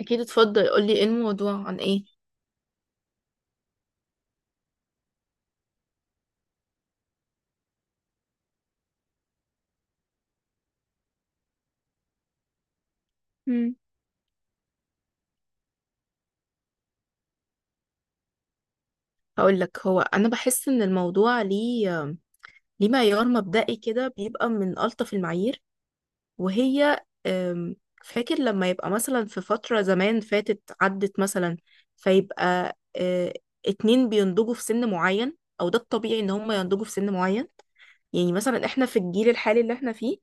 اكيد، اتفضل قولي ايه الموضوع، عن ايه؟ مم. هقول لك، هو انا بحس ان الموضوع ليه معيار مبدئي كده، بيبقى من الطف المعايير. وهي فاكر لما يبقى مثلا في فترة زمان فاتت عدت مثلا، فيبقى اتنين بينضجوا في سن معين، او ده الطبيعي ان هم ينضجوا في سن معين. يعني مثلا احنا في الجيل الحالي اللي احنا فيه،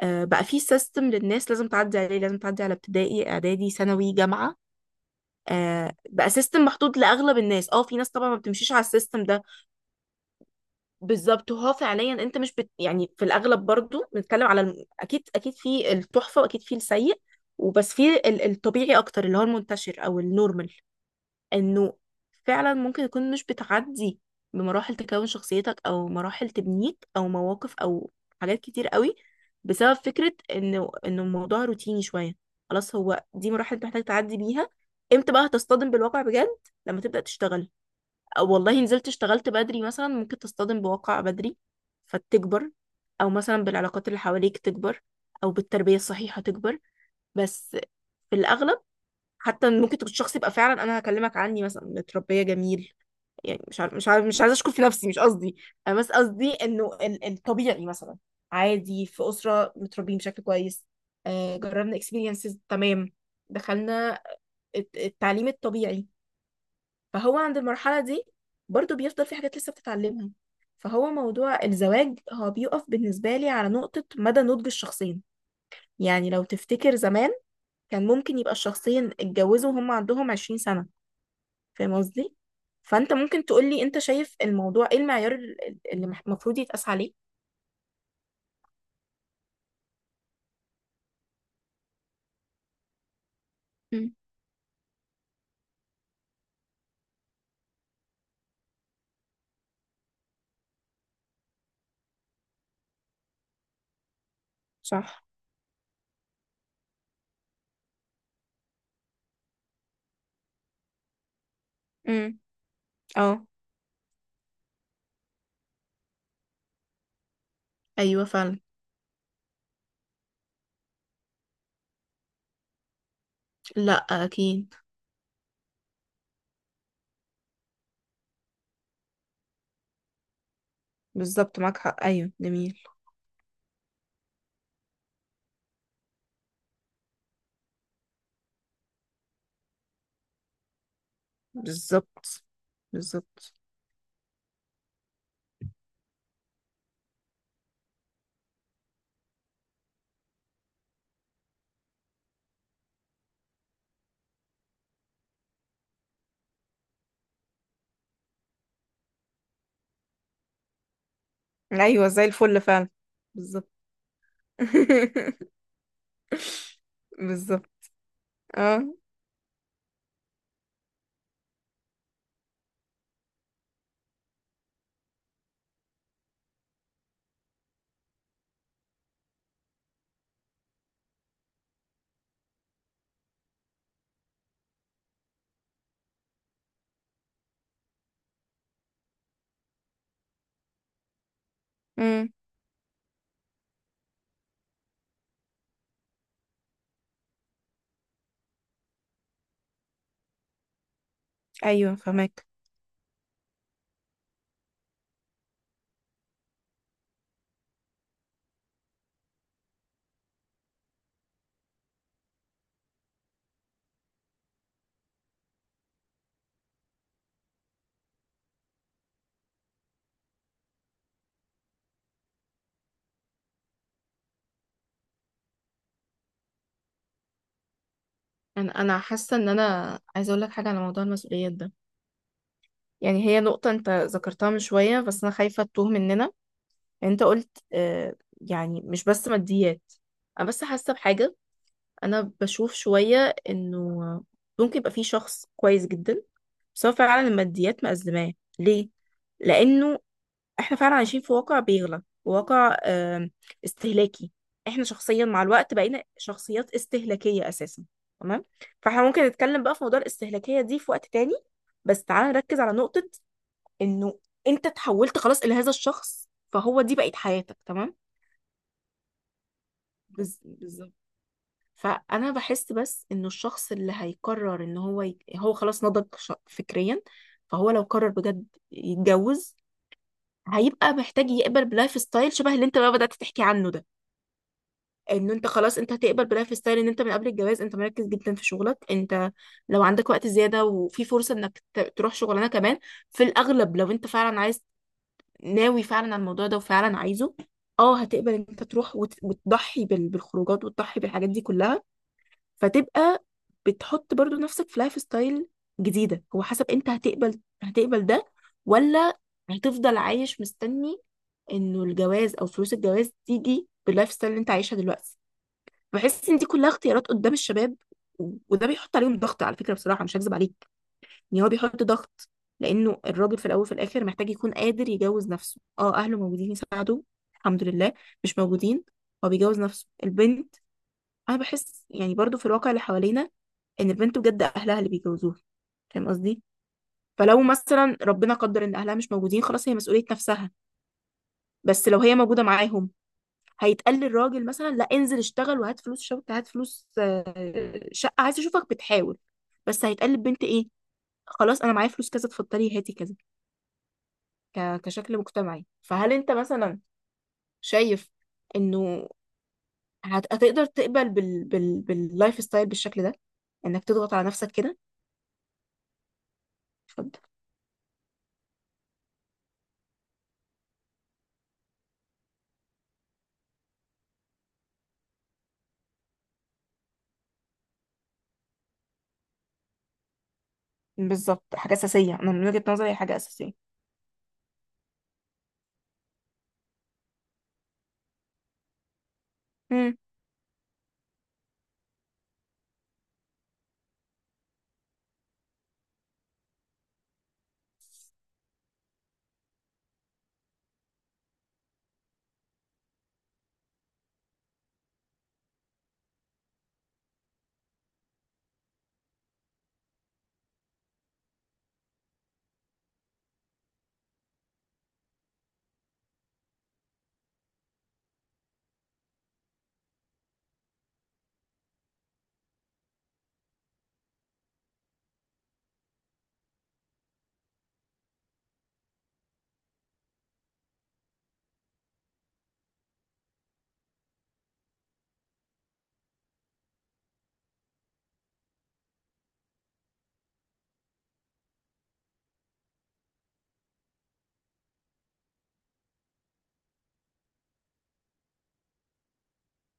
بقى في سيستم للناس لازم تعدي عليه، لازم تعدي على ابتدائي اعدادي ثانوي جامعة. بقى سيستم محطوط لاغلب الناس. اه في ناس طبعا ما بتمشيش على السيستم ده. بالظبط، وهو فعليا انت مش يعني في الاغلب برضو بنتكلم على اكيد اكيد في التحفه، واكيد في السيء، وبس في الطبيعي اكتر، اللي هو المنتشر او النورمال، انه فعلا ممكن يكون مش بتعدي بمراحل تكون شخصيتك، او مراحل تبنيك، او مواقف، او حاجات كتير قوي، بسبب فكرة انه الموضوع روتيني شوية. خلاص، هو دي مراحل انت محتاج تعدي بيها. امتى بقى هتصطدم بالواقع بجد؟ لما تبدأ تشتغل، او والله نزلت اشتغلت بدري مثلا ممكن تصطدم بواقع بدري فتكبر، او مثلا بالعلاقات اللي حواليك تكبر، او بالتربية الصحيحة تكبر. بس في الاغلب، حتى ممكن تكون الشخص يبقى فعلا، انا هكلمك عني مثلا، متربيه جميل، يعني مش عارف مش عايزه اشكر في نفسي، مش قصدي، انا بس قصدي انه الطبيعي مثلا عادي في اسره متربيين بشكل كويس، جربنا اكسبيرينسز تمام، دخلنا التعليم الطبيعي، فهو عند المرحله دي برضو بيفضل في حاجات لسه بتتعلمها. فهو موضوع الزواج، هو بيقف بالنسبه لي على نقطه مدى نضج الشخصين. يعني لو تفتكر زمان، كان ممكن يبقى الشخصين اتجوزوا وهم عندهم 20 سنه. فاهم قصدي؟ فانت ممكن تقولي انت شايف الموضوع، ايه المعيار اللي المفروض يتقاس عليه؟ مم. صح. امم. اه. ايوه فعلا. لا. اكيد. بالظبط، معاك حق، ايوه جميل. بالظبط. بالظبط. ايوه زي الفل فعلا. بالظبط. بالظبط. اه. امم. ايوه فهمك. انا حاسه ان انا عايزه اقول لك حاجه على موضوع المسؤوليات ده. يعني هي نقطه انت ذكرتها من شويه، بس انا خايفه تتوه مننا. انت قلت يعني مش بس ماديات. انا بس حاسه بحاجه، انا بشوف شويه انه ممكن يبقى في شخص كويس جدا، بس هو فعلا الماديات مأزماه. ليه؟ لانه احنا فعلا عايشين في واقع بيغلى، واقع استهلاكي. احنا شخصيا مع الوقت بقينا شخصيات استهلاكيه اساسا. تمام. فاحنا ممكن نتكلم بقى في موضوع الاستهلاكيه دي في وقت تاني، بس تعالى نركز على نقطه، انه انت تحولت خلاص لهذا الشخص، فهو دي بقت حياتك. تمام. بالظبط. فانا بحس بس انه الشخص اللي هيقرر ان هو هو خلاص نضج فكريا، فهو لو قرر بجد يتجوز، هيبقى محتاج يقبل بلايف ستايل شبه اللي انت بقى بدأت تحكي عنه ده. انه انت خلاص انت هتقبل بلايف ستايل، ان انت من قبل الجواز انت مركز جدا في شغلك، انت لو عندك وقت زيادة وفي فرصة انك تروح شغلانة كمان، في الاغلب لو انت فعلا عايز، ناوي فعلا على الموضوع ده وفعلا عايزه، اه هتقبل ان انت تروح وتضحي بالخروجات وتضحي بالحاجات دي كلها، فتبقى بتحط برضو نفسك في لايف ستايل جديدة. هو حسب انت هتقبل ده، ولا هتفضل عايش مستني انه الجواز او فلوس الجواز تيجي باللايف ستايل اللي انت عايشها دلوقتي. بحس ان دي كلها اختيارات قدام الشباب، وده بيحط عليهم ضغط على فكرة. بصراحة مش هكذب عليك، ان هو بيحط ضغط. لانه الراجل في الاول وفي الاخر محتاج يكون قادر يجوز نفسه. اه اهله موجودين يساعدوه، الحمد لله. مش موجودين، هو بيجوز نفسه. البنت، انا بحس يعني برضو في الواقع اللي حوالينا، ان البنت بجد اهلها اللي بيجوزوها. فاهم قصدي؟ فلو مثلا ربنا قدر ان اهلها مش موجودين، خلاص هي مسؤولية نفسها. بس لو هي موجودة معاهم، هيتقال للراجل مثلا لا، انزل اشتغل وهات فلوس شبكة، هات فلوس شقة، عايز اشوفك بتحاول. بس هيتقال للبنت ايه؟ خلاص انا معايا فلوس كذا، اتفضلي هاتي كذا. كشكل مجتمعي. فهل انت مثلا شايف انه هتقدر تقبل باللايف ستايل بالشكل ده، انك تضغط على نفسك كده؟ اتفضل. بالظبط، حاجة أساسية. أنا من وجهة نظري هي حاجة أساسية. مم.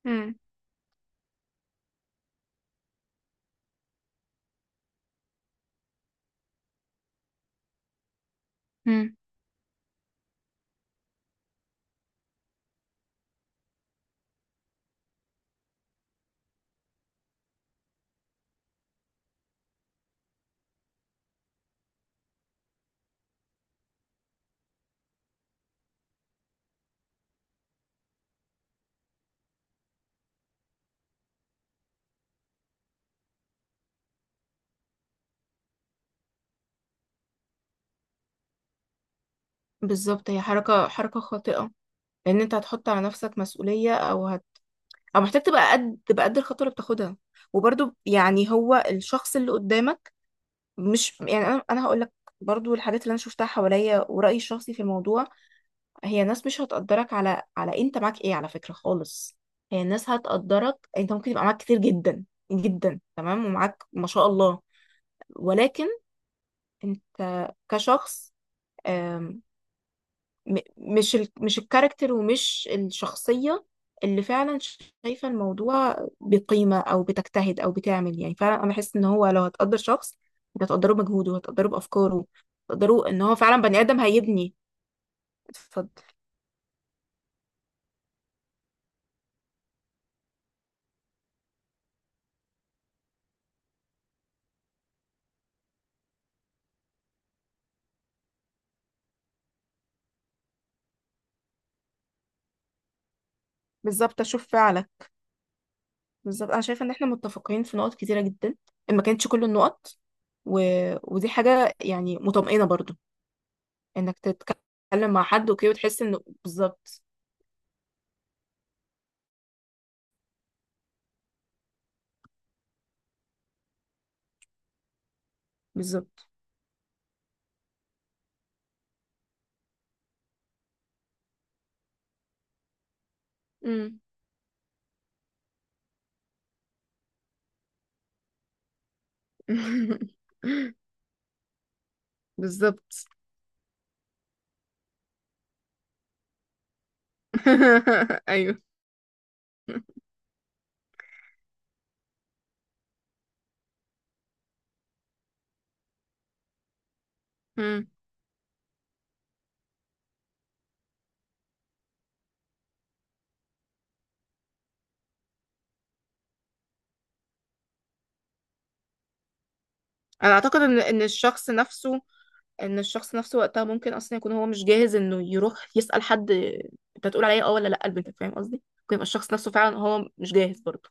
مم. مم. بالظبط، هي حركة خاطئة، لأن أنت هتحط على نفسك مسؤولية، أو أو محتاج تبقى قد الخطوة اللي بتاخدها. وبرضو يعني هو الشخص اللي قدامك، مش يعني، أنا هقول لك برضو الحاجات اللي أنا شفتها حواليا ورأيي الشخصي في الموضوع، هي ناس مش هتقدرك على أنت معاك إيه، على فكرة خالص. هي الناس هتقدرك أنت، ممكن يبقى معاك كتير جدا جدا، تمام، ومعاك ما شاء الله، ولكن انت كشخص، آم، م- مش مش الكاركتر، ومش الشخصية اللي فعلا شايفة الموضوع بقيمة، أو بتجتهد، أو بتعمل. يعني فعلا أنا بحس إن هو لو هتقدر شخص، أنت هتقدره بمجهوده، هتقدره بأفكاره، هتقدره إن هو فعلا بني آدم هيبني. اتفضل. بالظبط، أشوف فعلك. بالظبط، أنا شايفة إن إحنا متفقين في نقط كتيرة جدا، ما كانتش كل النقط. و... ودي حاجة يعني مطمئنة برضو، إنك تتكلم مع حد أوكي وتحس إنه بالظبط. بالظبط. مم. بالظبط. ايوه. مم. انا اعتقد ان الشخص نفسه، ان الشخص نفسه وقتها ممكن اصلا يكون هو مش جاهز انه يروح يسأل حد، انت هتقول عليا اه ولا لا لبنتك. فاهم قصدي؟ ممكن يبقى الشخص نفسه فعلا هو مش جاهز برضه،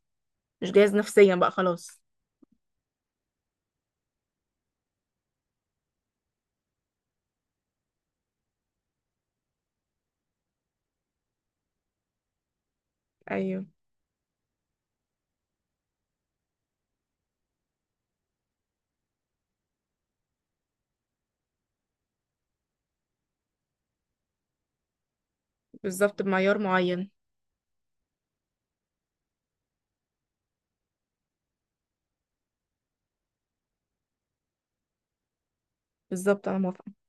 مش جاهز نفسيا بقى، خلاص. ايوه، بالظبط، بمعيار معين. بالظبط، انا موافقة.